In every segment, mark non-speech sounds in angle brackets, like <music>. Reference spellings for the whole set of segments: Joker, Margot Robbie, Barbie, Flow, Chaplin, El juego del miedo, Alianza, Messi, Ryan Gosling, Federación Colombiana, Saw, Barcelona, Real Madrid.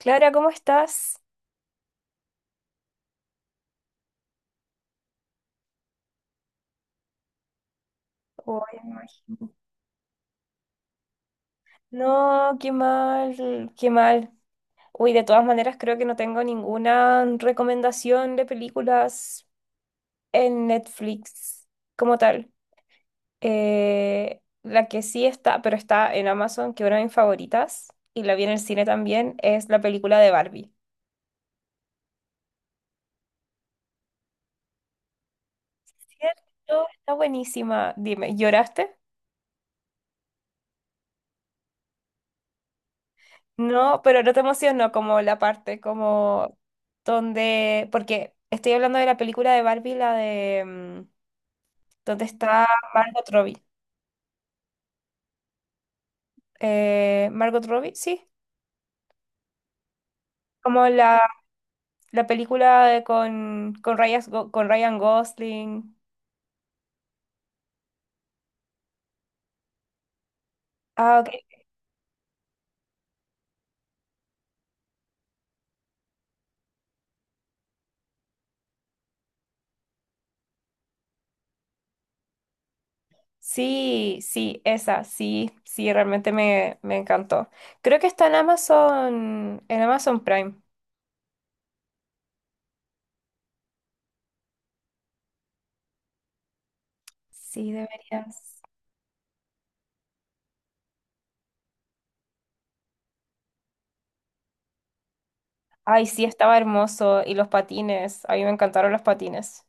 Clara, ¿cómo estás? Uy, no, imagino. No, qué mal, qué mal. Uy, de todas maneras creo que no tengo ninguna recomendación de películas en Netflix como tal. La que sí está, pero está en Amazon, que es una de mis favoritas, y la vi en el cine también, es la película de Barbie. ¿Cierto? Está buenísima. Dime, ¿lloraste? No, pero no te emocionó como la parte, como donde, porque estoy hablando de la película de Barbie, la de donde está Margot Robbie. Margot Robbie, sí. Como la película de Ryan, con Ryan Gosling. Ah, ok. Sí, sí, esa, sí, sí, realmente me encantó. Creo que está en Amazon Prime. Sí, deberías. Ay, sí, estaba hermoso. Y los patines. A mí me encantaron los patines.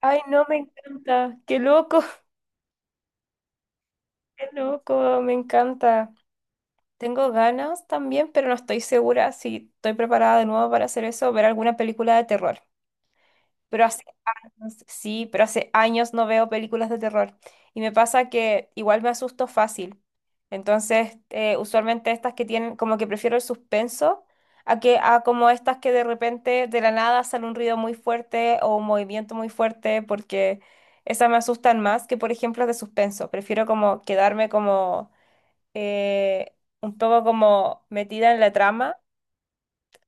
Ay, no, me encanta. Qué loco, <laughs> qué loco, me encanta. Tengo ganas también, pero no estoy segura si estoy preparada de nuevo para hacer eso o ver alguna película de terror. Pero así no. Sí, pero hace años no veo películas de terror. Y me pasa que igual me asusto fácil. Entonces, usualmente estas que tienen, como que prefiero el suspenso a que a como estas que de repente de la nada sale un ruido muy fuerte o un movimiento muy fuerte, porque esas me asustan más que, por ejemplo, las de suspenso. Prefiero como quedarme como eh, un poco como metida en la trama.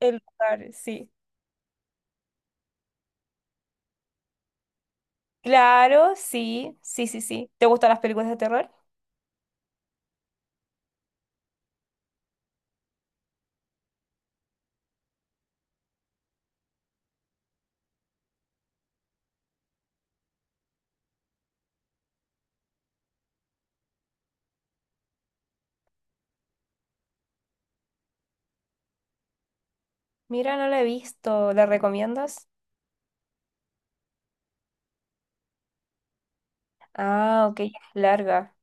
El lugar, sí. Claro, sí, sí, sí, sí. ¿Te gustan las películas de terror? Mira, no la he visto. ¿La recomiendas? Ah, ok, es larga.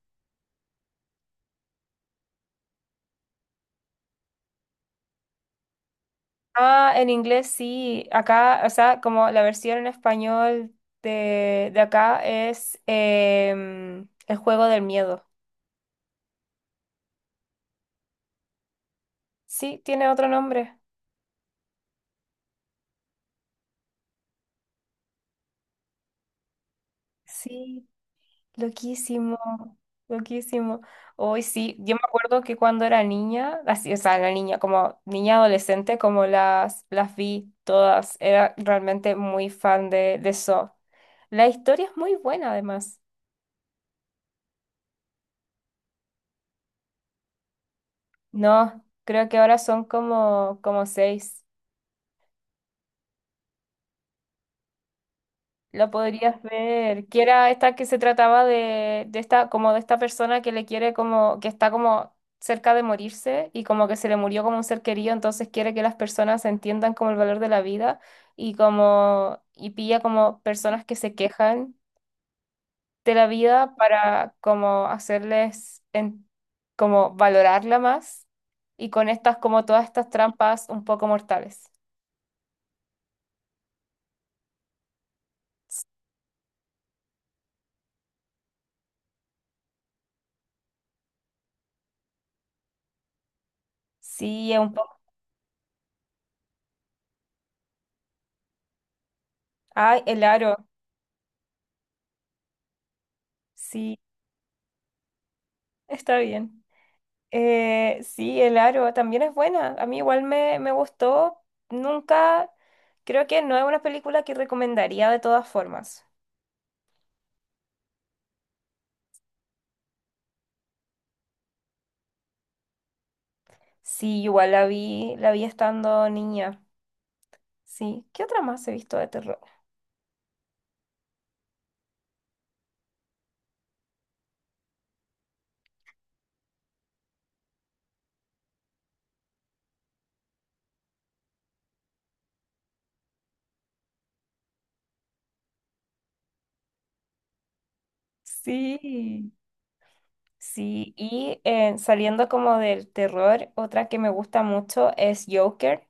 Ah, en inglés sí. Acá, o sea, como la versión en español de acá es El juego del miedo. Sí, tiene otro nombre. Sí, loquísimo, loquísimo. Hoy sí, yo me acuerdo que cuando era niña, así, o sea, la niña, como niña adolescente, como las vi todas, era realmente muy fan de Saw. La historia es muy buena, además. No, creo que ahora son como, como 6. Lo podrías ver. Que era esta que se trataba de esta, como de esta persona que le quiere como, que está como cerca de morirse y como que se le murió como un ser querido, entonces quiere que las personas entiendan como el valor de la vida y como, y pilla como personas que se quejan de la vida para como hacerles en- como valorarla más y con estas como todas estas trampas un poco mortales. Sí, es un Ay, el aro. Sí, está bien. Sí, el aro también es buena. A mí igual me gustó. Nunca, creo que no es una película que recomendaría de todas formas. Sí, igual la vi estando niña. Sí. ¿Qué otra más he visto de terror? Sí. Sí, y saliendo como del terror, otra que me gusta mucho es Joker.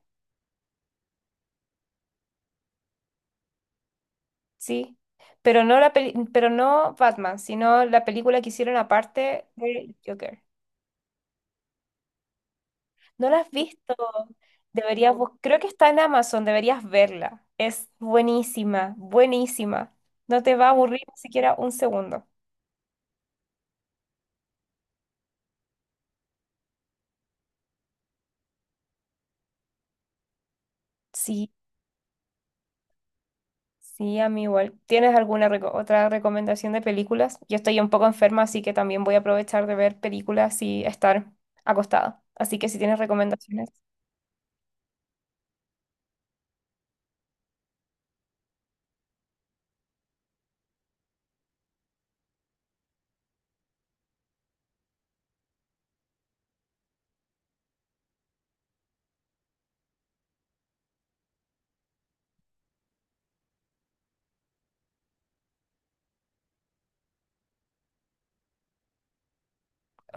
Sí. Pero no la peli- pero no Batman, sino la película que hicieron aparte de Joker. ¿No la has visto? Deberías bus- Creo que está en Amazon, deberías verla. Es buenísima, buenísima. No te va a aburrir ni siquiera un segundo. Sí, sí, a mí igual. ¿Tienes alguna reco- otra recomendación de películas? Yo estoy un poco enferma, así que también voy a aprovechar de ver películas y estar acostada. Así que si tienes recomendaciones,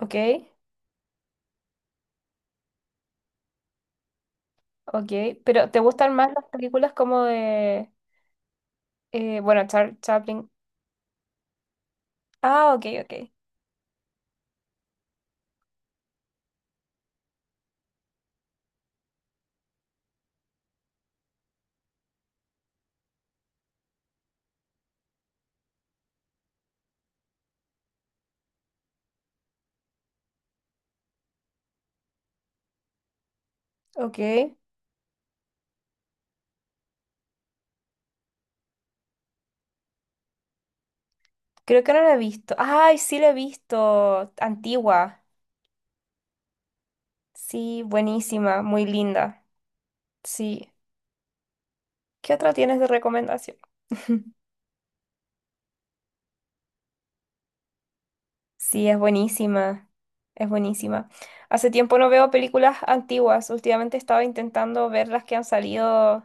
ok, ok. Pero ¿te gustan más las películas como de, bueno, Char- Chaplin? Ah, ok, ok, ok. Creo que no la he visto. Ay, sí la he visto. Antigua. Sí, buenísima, muy linda. Sí. ¿Qué otra tienes de recomendación? <laughs> Sí, es buenísima. Es buenísima. Hace tiempo no veo películas antiguas. Últimamente estaba intentando ver las que han salido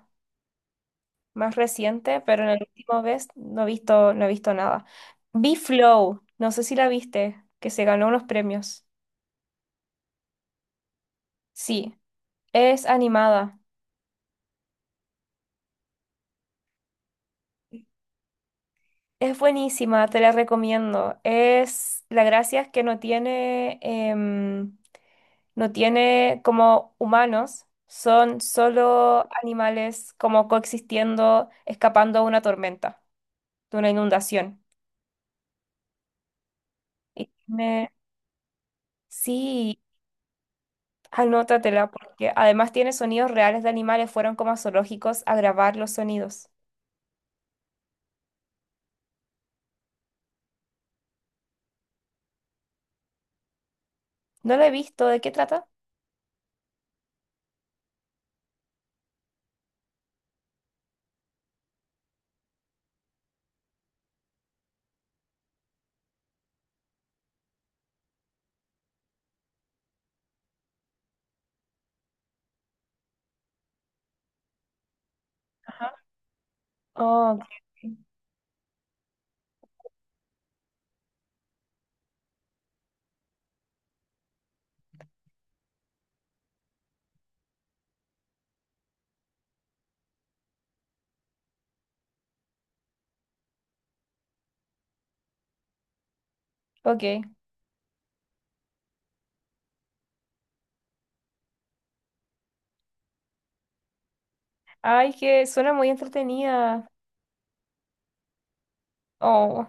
más recientes, pero en el último vez no he visto, no he visto nada. Vi Flow, no sé si la viste, que se ganó unos premios. Sí, es animada. Es buenísima, te la recomiendo. Es, la gracia es que no tiene, em, no tiene como humanos, son solo animales como coexistiendo, escapando de una tormenta, de una inundación. Y tiene- sí, anótatela, porque además tiene sonidos reales de animales, fueron como a zoológicos a grabar los sonidos. No la he visto, ¿de qué trata? Oh, ok. Ay, que suena muy entretenida. Oh.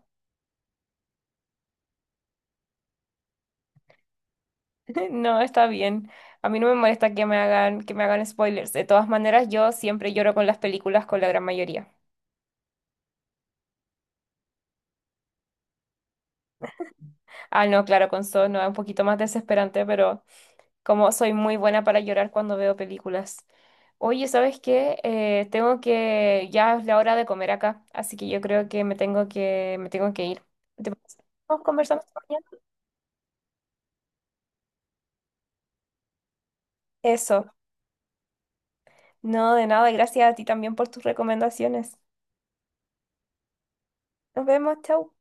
<laughs> No, está bien. A mí no me molesta que me hagan spoilers. De todas maneras, yo siempre lloro con las películas, con la gran mayoría. Ah, no, claro, con Saw no, es un poquito más desesperante, pero como soy muy buena para llorar cuando veo películas. Oye, ¿sabes qué? Tengo que, ya es la hora de comer acá, así que yo creo que me tengo que, me tengo que ir. ¿Te parece? ¿Nos conversamos mañana? Eso. No, de nada, gracias a ti también por tus recomendaciones. Nos vemos, chau.